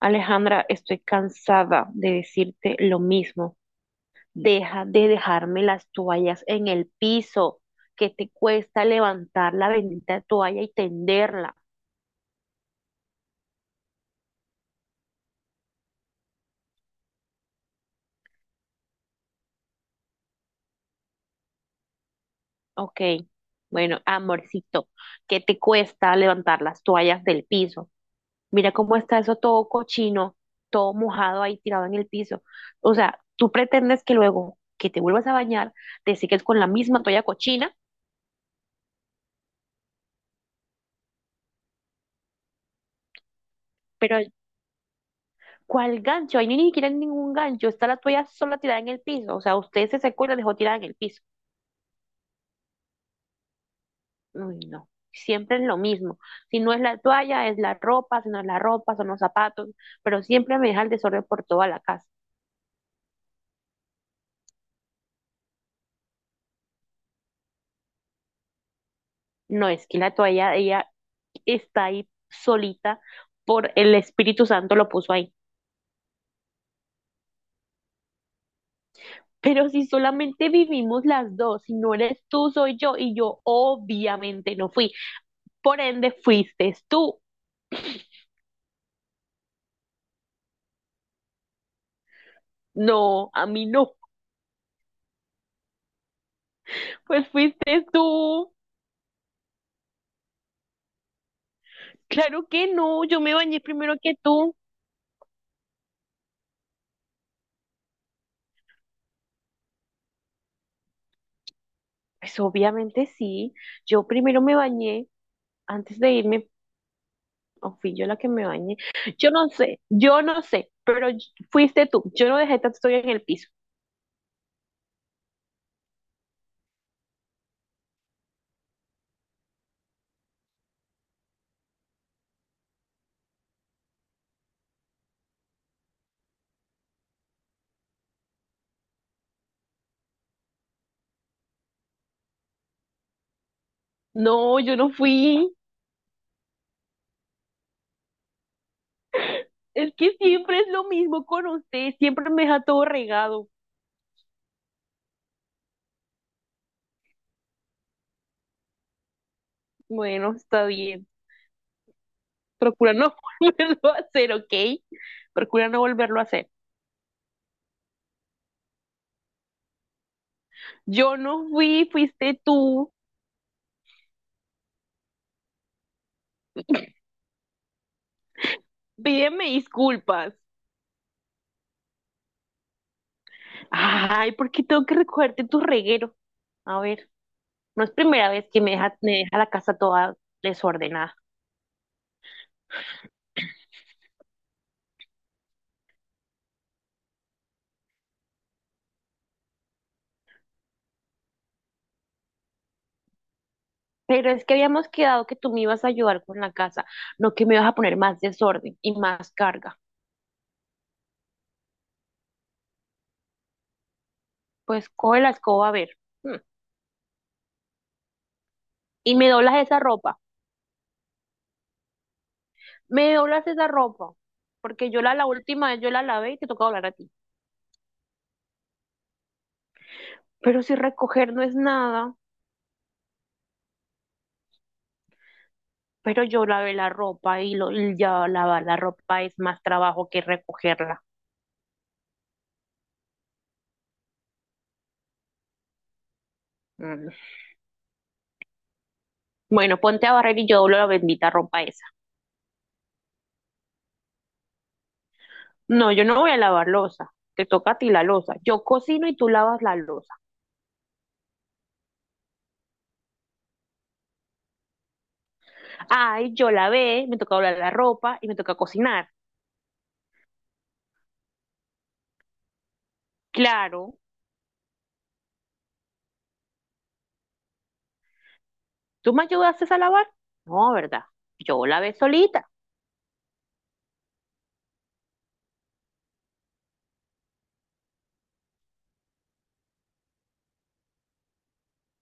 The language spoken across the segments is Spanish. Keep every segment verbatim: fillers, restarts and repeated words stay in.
Alejandra, estoy cansada de decirte lo mismo. Deja de dejarme las toallas en el piso, que te cuesta levantar la bendita toalla y tenderla. Ok, bueno, amorcito, ¿qué te cuesta levantar las toallas del piso? Mira cómo está eso todo cochino, todo mojado ahí tirado en el piso. O sea, tú pretendes que luego que te vuelvas a bañar, te sigues con la misma toalla cochina. Pero ¿Cuál gancho? Ahí no hay ni siquiera ningún gancho. Está la toalla sola tirada en el piso. O sea, usted se secó y la dejó tirada en el piso. Uy, no. Siempre es lo mismo. Si no es la toalla, es la ropa. Si no es la ropa, son los zapatos. Pero siempre me deja el desorden por toda la casa. No, es que la toalla, ella está ahí solita, por el Espíritu Santo lo puso ahí. Pero si solamente vivimos las dos, si no eres tú, soy yo, y yo obviamente no fui. Por ende, fuiste tú. No, a mí no. Pues fuiste tú. Claro que no, yo me bañé primero que tú. Pues obviamente sí, yo primero me bañé antes de irme, o fui yo la que me bañé. Yo no sé, yo no sé, pero y- fuiste tú. Yo no dejé tanto estoy en el piso. No, yo no fui. Es que siempre es lo mismo con usted, siempre me deja todo regado. Bueno, está bien. Procura no volverlo a hacer, ¿ok? Procura no volverlo a hacer. Yo no fui, fuiste tú. Pídeme disculpas. Ay, ¿por qué tengo que recogerte tu reguero? A ver, no es primera vez que me deja, me deja la casa toda desordenada. Pero es que habíamos quedado que tú me ibas a ayudar con la casa, no que me ibas a poner más desorden y más carga. Pues coge la escoba, a ver. mm, Y me doblas esa ropa. Me doblas esa ropa. Porque yo la, la última vez yo la lavé y te toca doblar a ti. Pero si recoger no es nada. Pero yo lavé la ropa y, lo, y ya lavar la ropa es más trabajo que recogerla. Mm. Bueno, ponte a barrer y yo doblo la bendita ropa esa. No, yo no voy a lavar losa. Te toca a ti la losa. Yo cocino y tú lavas la losa. Ay, yo lavé, me toca doblar la ropa y me toca cocinar. Claro. ¿Tú me ayudaste a lavar? No, ¿verdad? Yo lavé solita.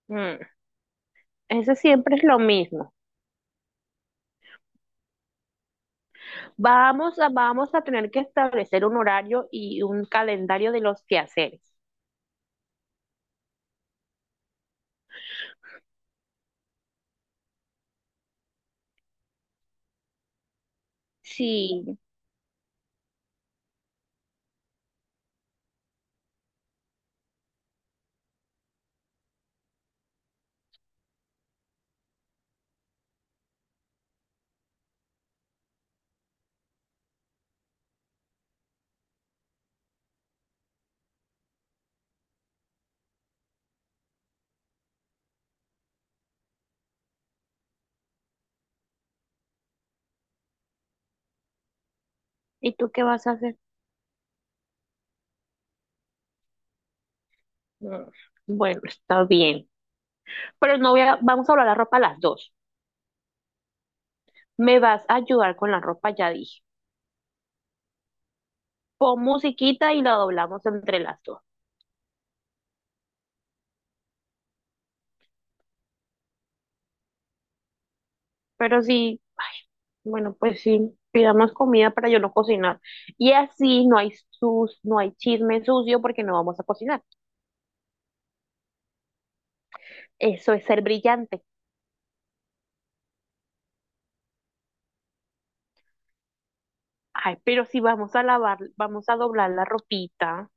Mm, ese siempre es lo mismo. Vamos a, vamos a tener que establecer un horario y un calendario de los quehaceres. Sí, ¿Y tú qué vas a hacer? Mm, Bueno, está bien. Pero no voy a, vamos a doblar la ropa a las dos. Me vas a ayudar con la ropa, ya dije. Pon musiquita y la doblamos entre las dos. Pero sí, bueno, pues sí, pidamos comida para yo no cocinar. Y así no hay sus, no hay chisme sucio porque no vamos a cocinar. Eso es ser brillante. Ay, pero si vamos a lavar, vamos a doblar la ropita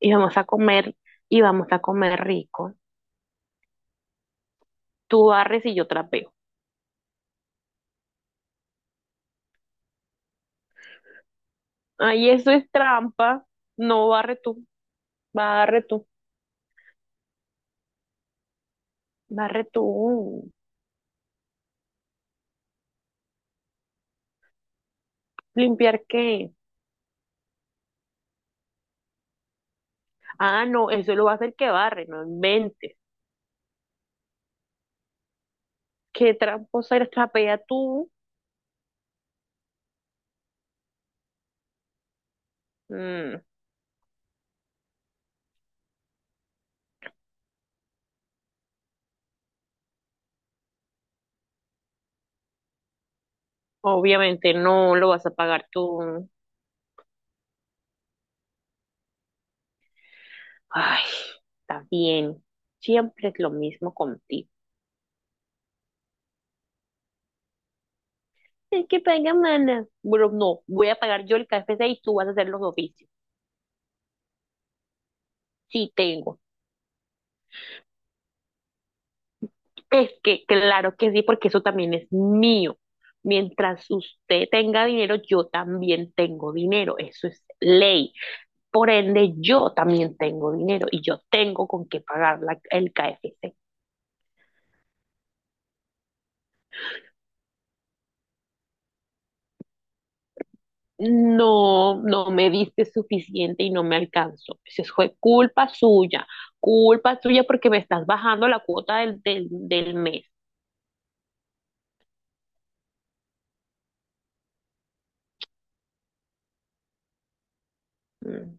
y vamos a comer, y vamos a comer rico. Tú barres y yo trapeo. Ay, eso es trampa. No, barre tú, barre tú, barre tú. ¿Limpiar qué? Ah, no, eso lo va a hacer que barre, no inventes. ¿Qué tramposa eres? Trapea tú. Mm, obviamente no lo vas a pagar tú. Ay, está bien. Siempre es lo mismo contigo. Es que paga, mana. Bueno, no, voy a pagar yo el K F C y tú vas a hacer los oficios. Sí, tengo. Es que claro que sí, porque eso también es mío. Mientras usted tenga dinero, yo también tengo dinero. Eso es ley. Por ende, yo también tengo dinero y yo tengo con qué pagar la- el K F C. No, no me diste suficiente y no me alcanzó. Eso fue culpa suya, culpa suya porque me estás bajando la cuota del, del, del mes. Mm,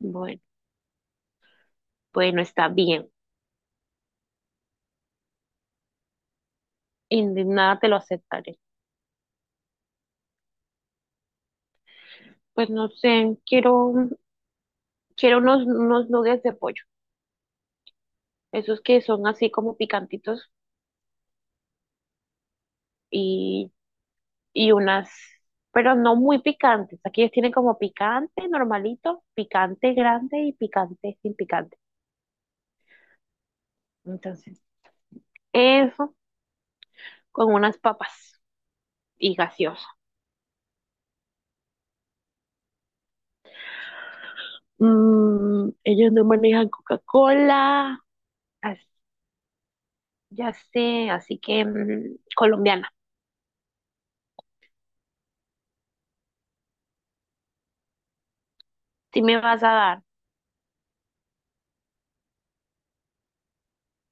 Bueno, bueno, está bien. Indignada te lo aceptaré. Pues no sé, quiero Quiero unos, unos nuggets de pollo, esos que son así como picantitos y, y unas, pero no muy picantes. Aquí ellos tienen como picante normalito, picante grande y picante sin picante. Entonces, eso con unas papas y gaseosa. Mm, ellos no manejan Coca-Cola. as- ya sé, así que mm, colombiana. Sí me vas a dar,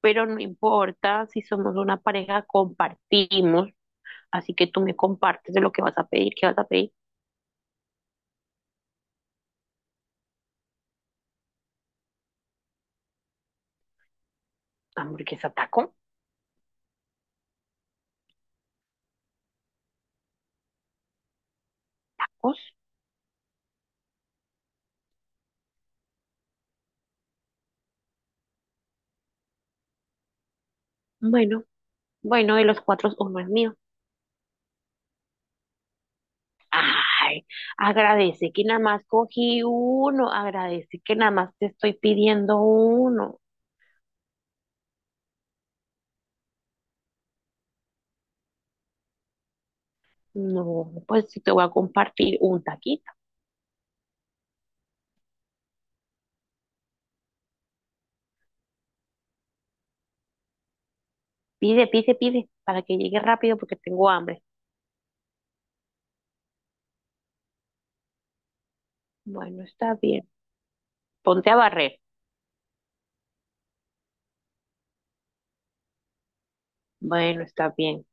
pero no importa, si somos una pareja, compartimos. Así que tú me compartes de lo que vas a pedir, qué vas a pedir. Hamburguesa, taco, tacos. Bueno, bueno, de los cuatro, uno es mío. Ay, agradece que nada más cogí uno, agradece que nada más te estoy pidiendo uno. No, pues sí te voy a compartir un taquito. Pide, pide, pide, para que llegue rápido porque tengo hambre. Bueno, está bien. Ponte a barrer. Bueno, está bien.